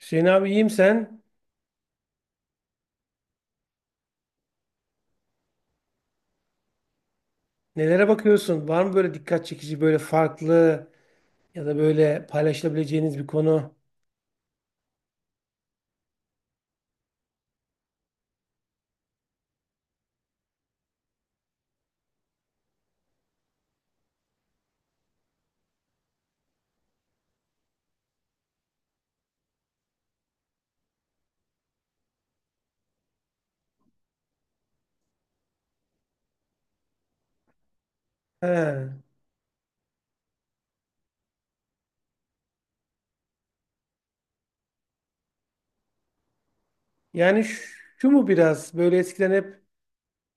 Hüseyin abi, iyiyim sen. Nelere bakıyorsun? Var mı böyle dikkat çekici, böyle farklı ya da böyle paylaşılabileceğiniz bir konu? He. Yani şu, şu mu biraz böyle eskiden hep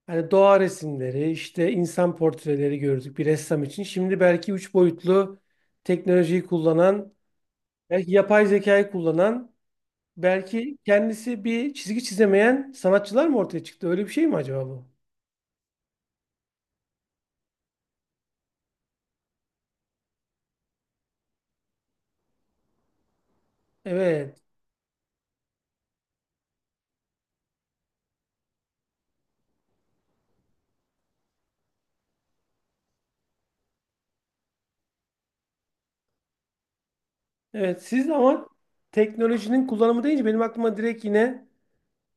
hani doğa resimleri, işte insan portreleri gördük bir ressam için. Şimdi belki üç boyutlu teknolojiyi kullanan, belki yapay zekayı kullanan, belki kendisi bir çizgi çizemeyen sanatçılar mı ortaya çıktı? Öyle bir şey mi acaba bu? Evet. Evet siz ama teknolojinin kullanımı deyince benim aklıma direkt yine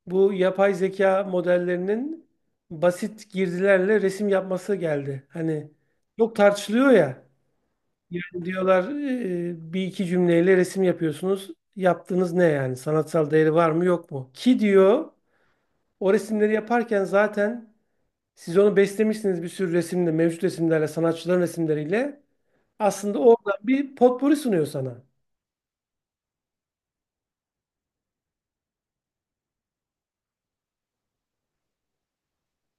bu yapay zeka modellerinin basit girdilerle resim yapması geldi. Hani çok tartışılıyor ya. Yani diyorlar bir iki cümleyle resim yapıyorsunuz. Yaptığınız ne yani? Sanatsal değeri var mı yok mu? Ki diyor o resimleri yaparken zaten siz onu beslemişsiniz bir sürü resimle, mevcut resimlerle, sanatçıların resimleriyle. Aslında orada bir potpuri sunuyor sana.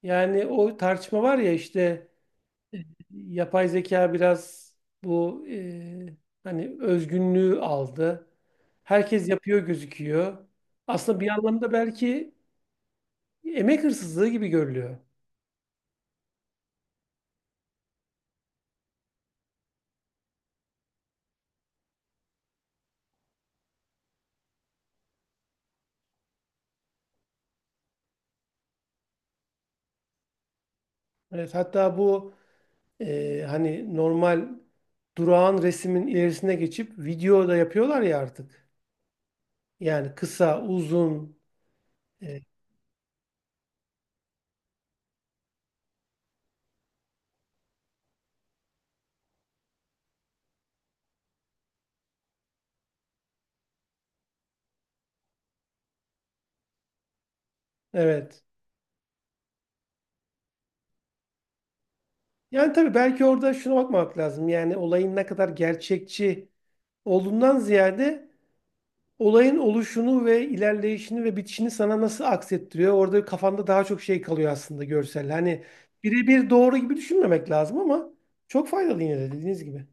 Yani o tartışma var ya işte yapay zeka biraz bu hani özgünlüğü aldı. Herkes yapıyor gözüküyor. Aslında bir anlamda belki emek hırsızlığı gibi görülüyor. Evet, hatta bu hani normal durağan resmin ilerisine geçip video da yapıyorlar ya artık. Yani kısa, uzun. e, evet. Yani tabii belki orada şuna bakmak lazım. Yani olayın ne kadar gerçekçi olduğundan ziyade olayın oluşunu ve ilerleyişini ve bitişini sana nasıl aksettiriyor? Orada kafanda daha çok şey kalıyor aslında görsel. Hani birebir doğru gibi düşünmemek lazım ama çok faydalı yine de dediğiniz gibi.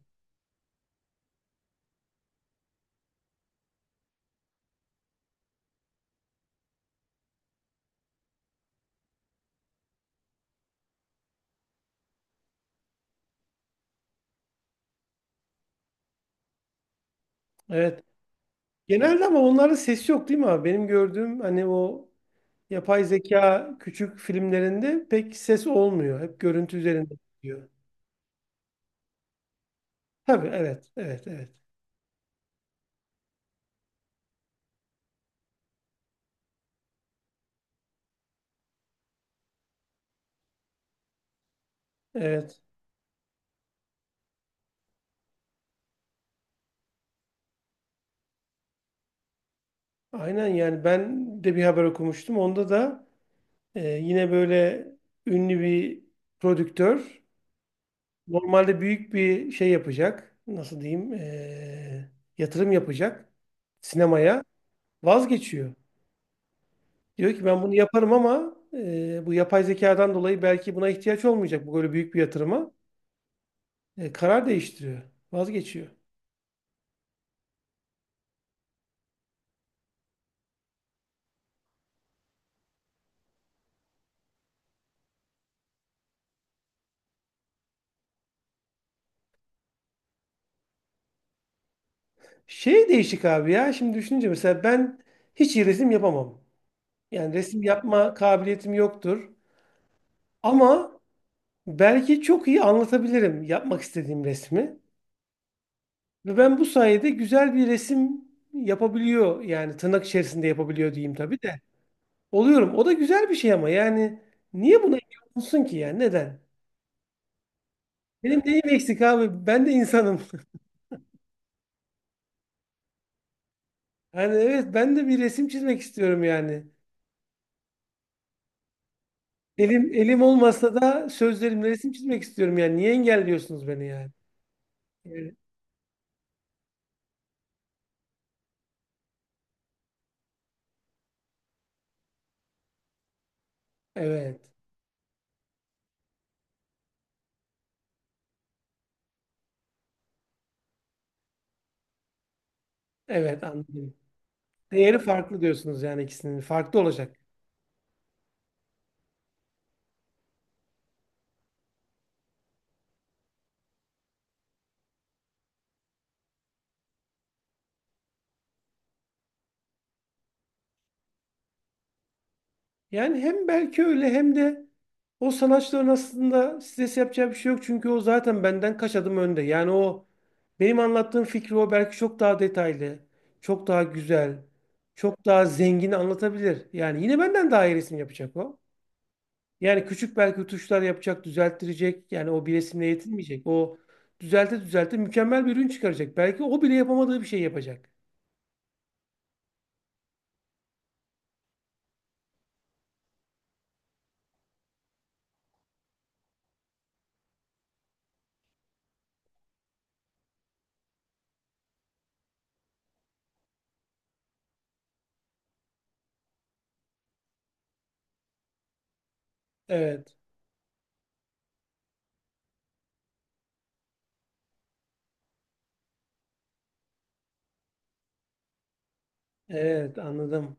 Evet. Genelde ama onlarda ses yok değil mi abi? Benim gördüğüm hani o yapay zeka küçük filmlerinde pek ses olmuyor. Hep görüntü üzerinde gidiyor. Tabii evet. Evet. Evet. Evet. Aynen yani ben de bir haber okumuştum. Onda da yine böyle ünlü bir prodüktör normalde büyük bir şey yapacak. Nasıl diyeyim? Yatırım yapacak sinemaya. Vazgeçiyor. Diyor ki ben bunu yaparım ama bu yapay zekadan dolayı belki buna ihtiyaç olmayacak bu böyle büyük bir yatırıma. Karar değiştiriyor. Vazgeçiyor. Şey değişik abi ya. Şimdi düşününce mesela ben hiç iyi resim yapamam. Yani resim yapma kabiliyetim yoktur. Ama belki çok iyi anlatabilirim yapmak istediğim resmi. Ve ben bu sayede güzel bir resim yapabiliyor, yani tırnak içerisinde yapabiliyor diyeyim tabii de. Oluyorum. O da güzel bir şey ama yani niye buna engel olunsun ki, yani neden? Benim neyim eksik abi? Ben de insanım. Yani evet ben de bir resim çizmek istiyorum yani. Elim olmasa da sözlerimle resim çizmek istiyorum yani. Niye engelliyorsunuz beni yani? Evet. Evet, evet anladım. Değeri farklı diyorsunuz yani ikisinin. Farklı olacak. Yani hem belki öyle hem de o sanatçıların aslında stres yapacağı bir şey yok. Çünkü o zaten benden kaç adım önde. Yani o benim anlattığım fikri o belki çok daha detaylı, çok daha güzel, çok daha zengin anlatabilir. Yani yine benden daha iyi resim yapacak o. Yani küçük belki tuşlar yapacak, düzelttirecek. Yani o bir resimle yetinmeyecek. O düzelte düzelte mükemmel bir ürün çıkaracak. Belki o bile yapamadığı bir şey yapacak. Evet, evet anladım.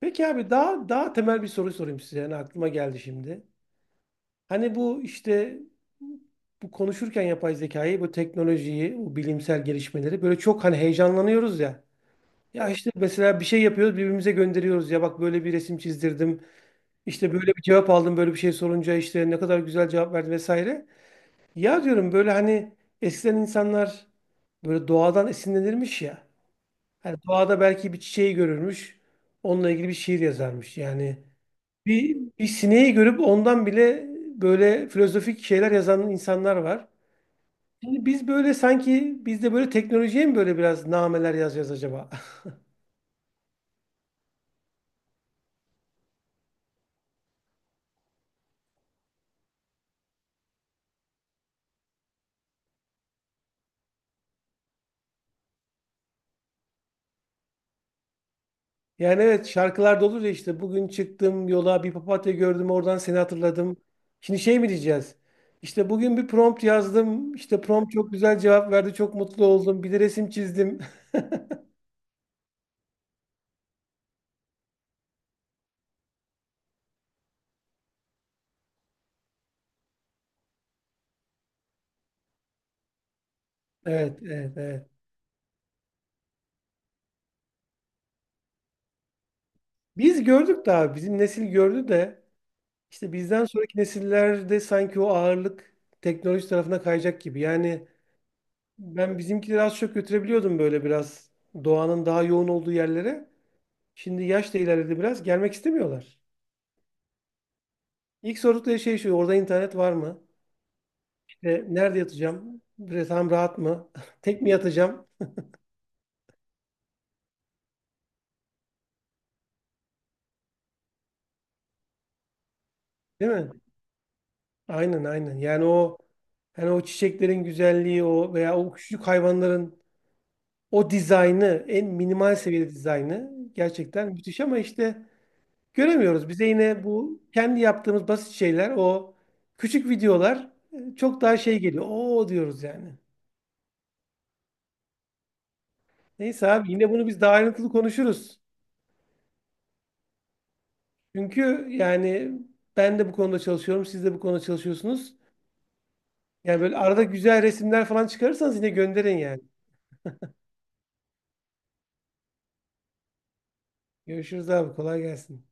Peki abi, daha daha temel bir soru sorayım size. Yani aklıma geldi şimdi. Hani bu işte bu konuşurken yapay zekayı, bu teknolojiyi, bu bilimsel gelişmeleri böyle çok hani heyecanlanıyoruz ya. Ya işte mesela bir şey yapıyoruz, birbirimize gönderiyoruz. Ya bak, böyle bir resim çizdirdim. İşte böyle bir cevap aldım, böyle bir şey sorunca işte ne kadar güzel cevap verdi vesaire. Ya diyorum böyle hani eskiden insanlar böyle doğadan esinlenirmiş ya. Hani doğada belki bir çiçeği görürmüş. Onunla ilgili bir şiir yazarmış. Yani bir sineği görüp ondan bile böyle filozofik şeyler yazan insanlar var. Şimdi biz böyle sanki biz de böyle teknolojiye mi böyle biraz nameler yazacağız acaba? Yani evet, şarkılarda olur ya işte bugün çıktım yola, bir papatya gördüm, oradan seni hatırladım. Şimdi şey mi diyeceğiz? İşte bugün bir prompt yazdım. İşte prompt çok güzel cevap verdi. Çok mutlu oldum. Bir de resim çizdim. Evet, evet, evet. Biz gördük daha. Bizim nesil gördü de. İşte bizden sonraki nesillerde sanki o ağırlık teknoloji tarafına kayacak gibi. Yani ben bizimkileri az çok götürebiliyordum böyle biraz doğanın daha yoğun olduğu yerlere. Şimdi yaş da ilerledi biraz. Gelmek istemiyorlar. İlk sordukları şey şu. Orada internet var mı? İşte nerede yatacağım? Tam rahat mı? Tek mi yatacağım? Değil mi? Aynen aynen. Yani o hani o çiçeklerin güzelliği o veya o küçük hayvanların o dizaynı, en minimal seviyede dizaynı gerçekten müthiş ama işte göremiyoruz. Bize yine bu kendi yaptığımız basit şeyler, o küçük videolar çok daha şey geliyor. Oo diyoruz yani. Neyse abi, yine bunu biz daha ayrıntılı konuşuruz. Çünkü yani ben de bu konuda çalışıyorum, siz de bu konuda çalışıyorsunuz. Yani böyle arada güzel resimler falan çıkarırsanız yine gönderin yani. Görüşürüz abi, kolay gelsin.